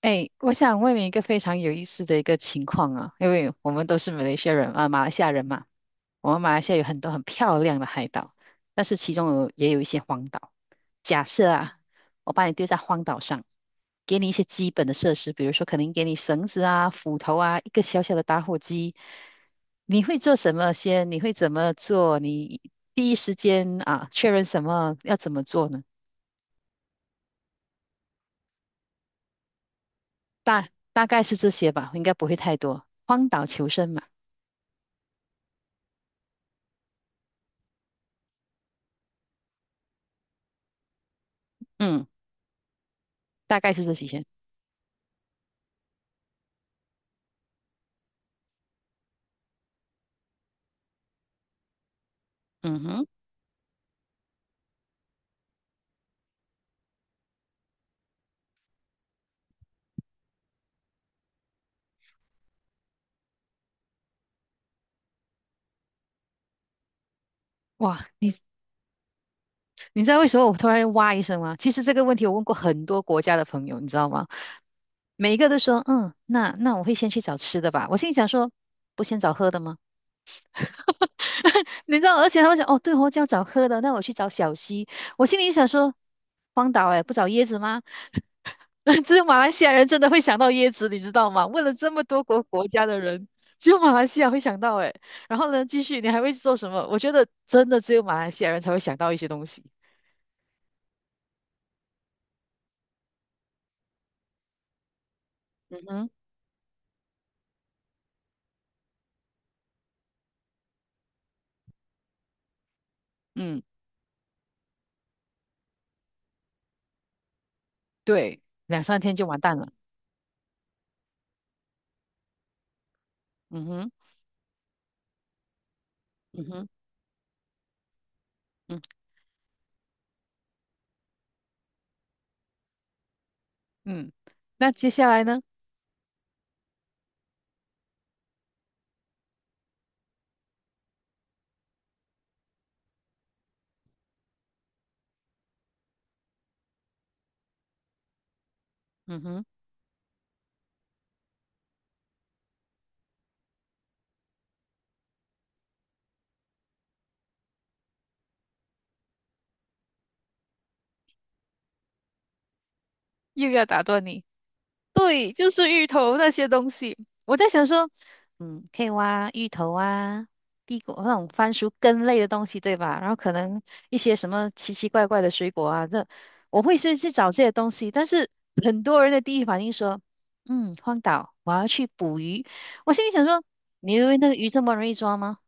哎，我想问你一个非常有意思的一个情况啊，因为我们都是马来西亚人啊，马来西亚人嘛，我们马来西亚有很多很漂亮的海岛，但是其中也有一些荒岛。假设啊，我把你丢在荒岛上，给你一些基本的设施，比如说可能给你绳子啊、斧头啊、一个小小的打火机，你会做什么先？你会怎么做？你第一时间啊，确认什么要怎么做呢？大大概是这些吧，应该不会太多。荒岛求生嘛。嗯，大概是这几天。嗯哼，哇，你知道为什么我突然哇一声吗？其实这个问题我问过很多国家的朋友，你知道吗？每一个都说，嗯，那我会先去找吃的吧。我心里想说，不先找喝的吗？你知道，而且他们讲，哦，对哦，就要找喝的，那我去找小溪。我心里想说，荒岛哎，不找椰子吗？只有马来西亚人真的会想到椰子，你知道吗？问了这么多国家的人，只有马来西亚会想到诶。然后呢，继续，你还会做什么？我觉得真的只有马来西亚人才会想到一些东西。嗯哼，嗯，对，两三天就完蛋了。嗯哼，嗯哼，嗯嗯。那接下来呢？嗯哼，又要打断你。对，就是芋头那些东西。我在想说，嗯，可以挖芋头啊，地瓜那种番薯根类的东西，对吧？然后可能一些什么奇奇怪怪的水果啊，这我会是去找这些东西。但是 很多人的第一反应说，嗯，荒岛，我要去捕鱼。我心里想说，你以为那个鱼这么容易抓吗？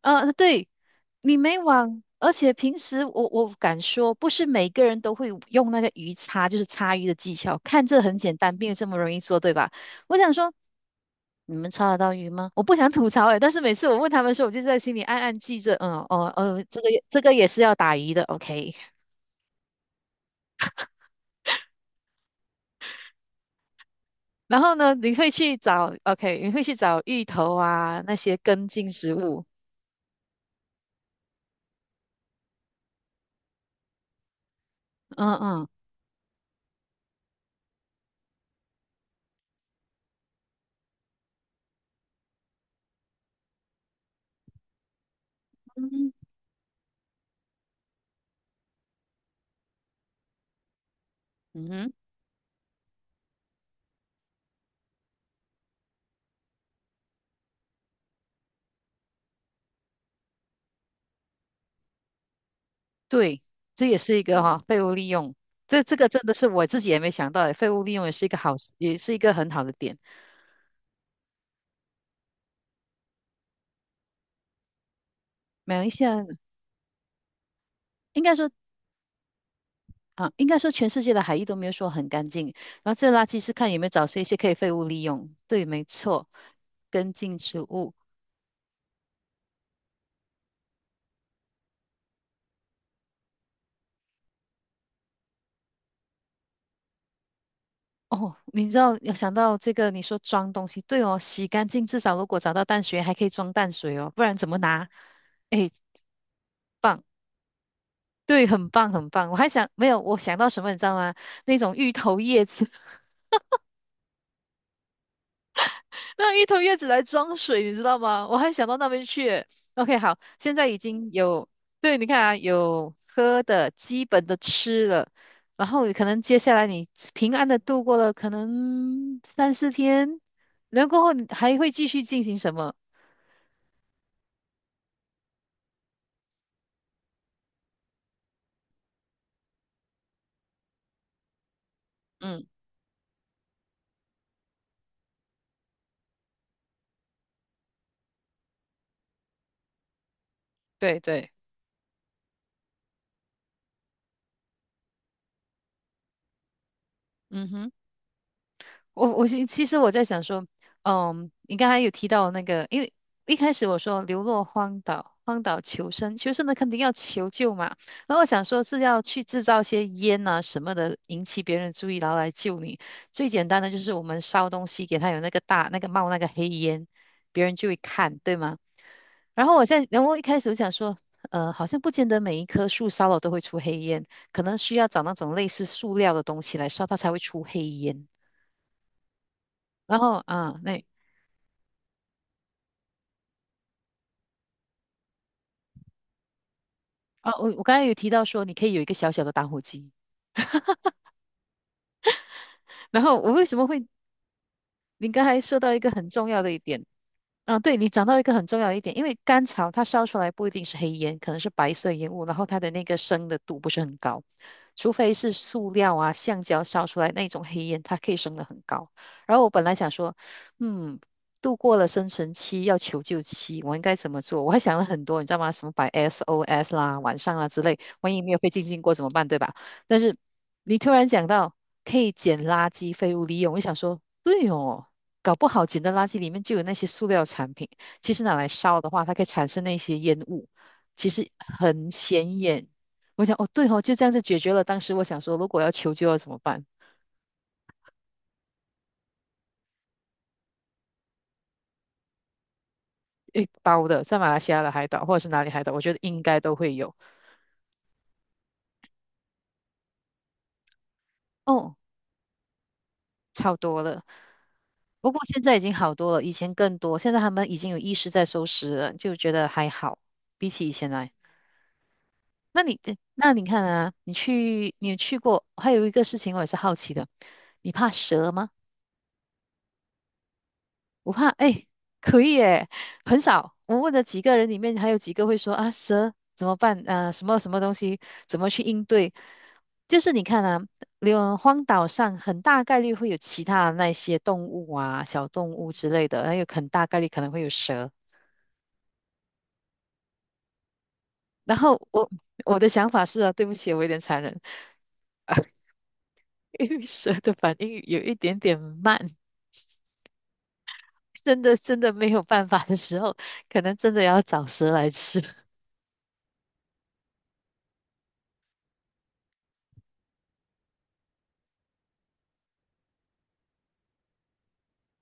啊，对。你没网，而且平时我敢说，不是每个人都会用那个鱼叉，就是叉鱼的技巧。看这很简单，并不这么容易做，对吧？我想说，你们叉得到鱼吗？我不想吐槽诶，但是每次我问他们说，我就在心里暗暗记着，嗯，哦，哦，这个也是要打鱼的，OK。然后呢，你会去找，OK，你会去找芋头啊，那些根茎植物，嗯嗯嗯嗯哼。对，这也是一个哈、废物利用。这个真的是我自己也没想到诶，废物利用也是一个好，也是一个很好的点。马来西亚应该说啊，应该说全世界的海域都没有说很干净，然后这垃圾是看有没有找出一些可以废物利用。对，没错，跟进植物。哦，你知道要想到这个，你说装东西，对哦，洗干净，至少如果找到淡水还可以装淡水哦，不然怎么拿？哎，棒，对，很棒，很棒。我还想没有，我想到什么，你知道吗？那种芋头叶子。那一头叶子来装水，你知道吗？我还想到那边去耶 OK，好，现在已经有，对，你看啊，有喝的，基本的吃了，然后可能接下来你平安的度过了可能三四天，然后过后你还会继续进行什么？嗯，对对，嗯哼。我我其其实我在想说，嗯，你刚才有提到那个，因为一开始我说流落荒岛，荒岛求生，求生的肯定要求救嘛。然后我想说是要去制造些烟啊什么的，引起别人注意，然后来救你。最简单的就是我们烧东西，给它有那个大那个冒那个黑烟，别人就会看，对吗？然后我现在，然后一开始我想说，好像不见得每一棵树烧了都会出黑烟，可能需要找那种类似塑料的东西来烧，它才会出黑烟。然后啊，那啊，我刚才有提到说你可以有一个小小的打火机。然后我为什么会？你刚才说到一个很重要的一点，啊，对，你讲到一个很重要的一点，因为甘草它烧出来不一定是黑烟，可能是白色烟雾，然后它的那个升的度不是很高，除非是塑料啊、橡胶烧出来那种黑烟，它可以升得很高。然后我本来想说，嗯，度过了生存期，要求救期，我应该怎么做？我还想了很多，你知道吗？什么摆 SOS 啦、晚上啊之类，万一没有飞进经过怎么办，对吧？但是你突然讲到可以捡垃圾废物利用，我想说，对哦，搞不好捡的垃圾里面就有那些塑料产品，其实拿来烧的话，它可以产生那些烟雾，其实很显眼。我想，哦，对哦，就这样子解决了。当时我想说，如果要求救要怎么办？一包的，在马来西亚的海岛或者是哪里海岛，我觉得应该都会有。哦，超多了。不过现在已经好多了，以前更多。现在他们已经有意识在收拾了，就觉得还好，比起以前来。那你那你看啊，你去，你有去过？还有一个事情我也是好奇的，你怕蛇吗？我怕，哎，可以耶，很少。我问的几个人里面，还有几个会说啊，蛇怎么办？啊，什么什么东西，怎么去应对？就是你看啊，有荒岛上很大概率会有其他的那些动物啊、小动物之类的，还有很大概率可能会有蛇。然后我的想法是啊，对不起，我有点残忍，因为蛇的反应有一点点慢。真的没有办法的时候，可能真的要找蛇来吃。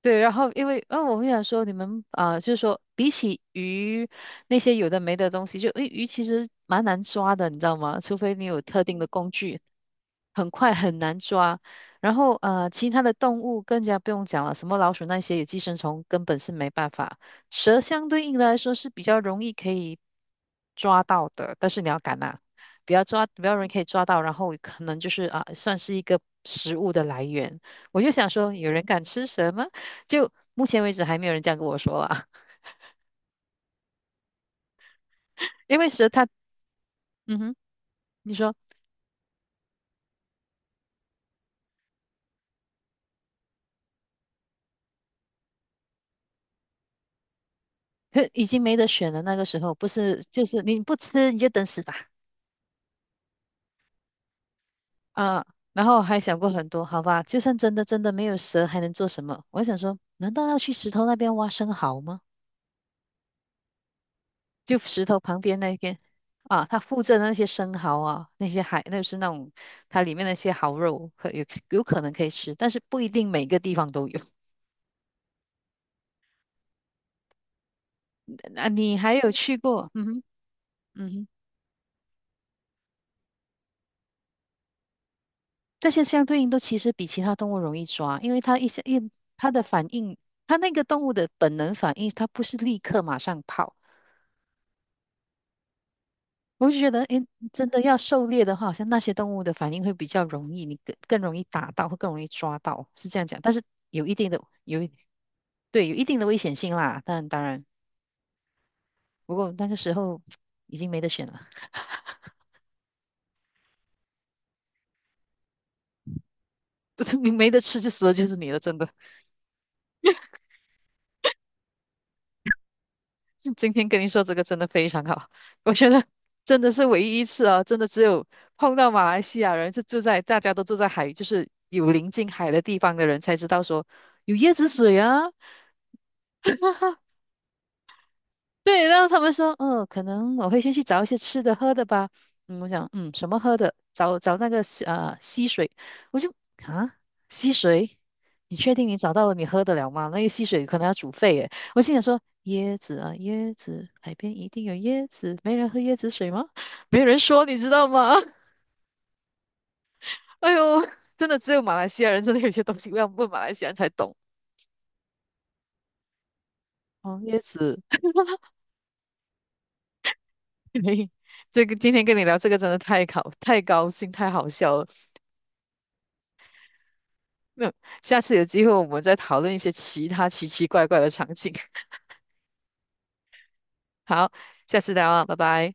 对，然后因为，嗯，我会想说，你们啊、呃就是说，比起鱼那些有的没的东西，就诶，鱼其实蛮难抓的，你知道吗？除非你有特定的工具，很快很难抓。然后呃，其他的动物更加不用讲了，什么老鼠那些有寄生虫，根本是没办法。蛇相对应的来说是比较容易可以抓到的，但是你要敢啊，不要抓，不要易可以抓到，然后可能就是啊、算是一个食物的来源。我就想说，有人敢吃蛇吗？就目前为止还没有人这样跟我说啊，因为蛇它，嗯哼，你说，可已经没得选了。那个时候不是，就是你不吃你就等死吧，啊，然后还想过很多，好吧，就算真的没有蛇，还能做什么？我还想说，难道要去石头那边挖生蚝吗？就石头旁边那边啊，它附着的那些生蚝啊，那些海，那是那种它里面那些蚝肉，有可能可以吃，但是不一定每个地方都有。那你还有去过？嗯哼。嗯哼，这些相对应都其实比其他动物容易抓，因为它一些一它的反应，它那个动物的本能反应，它不是立刻马上跑。我就觉得，诶，真的要狩猎的话，好像那些动物的反应会比较容易，你更容易打到，会更容易抓到，是这样讲。但是有一定的有一对有一定的危险性啦，但当然，不过那个时候已经没得选了，你没得吃就死了就是你了，真的。今天跟你说这个真的非常好，我觉得真的是唯一一次啊，真的只有碰到马来西亚人是住在大家都住在海，就是有临近海的地方的人才知道说有椰子水啊，对，然后他们说，嗯，可能我会先去找一些吃的喝的吧。嗯，我想，嗯，什么喝的？找找那个溪水，我就啊溪水，你确定你找到了你喝得了吗？那个溪水可能要煮沸耶。我心想说，椰子啊椰子，海边一定有椰子，没人喝椰子水吗？没有人说，你知道吗？哎呦，真的只有马来西亚人真的有些东西要问马来西亚人才懂哦，椰子。嘿这个今天跟你聊这个真的太高兴，太好笑了。那下次有机会我们再讨论一些其他奇奇怪怪的场景。好，下次再聊啊，拜拜。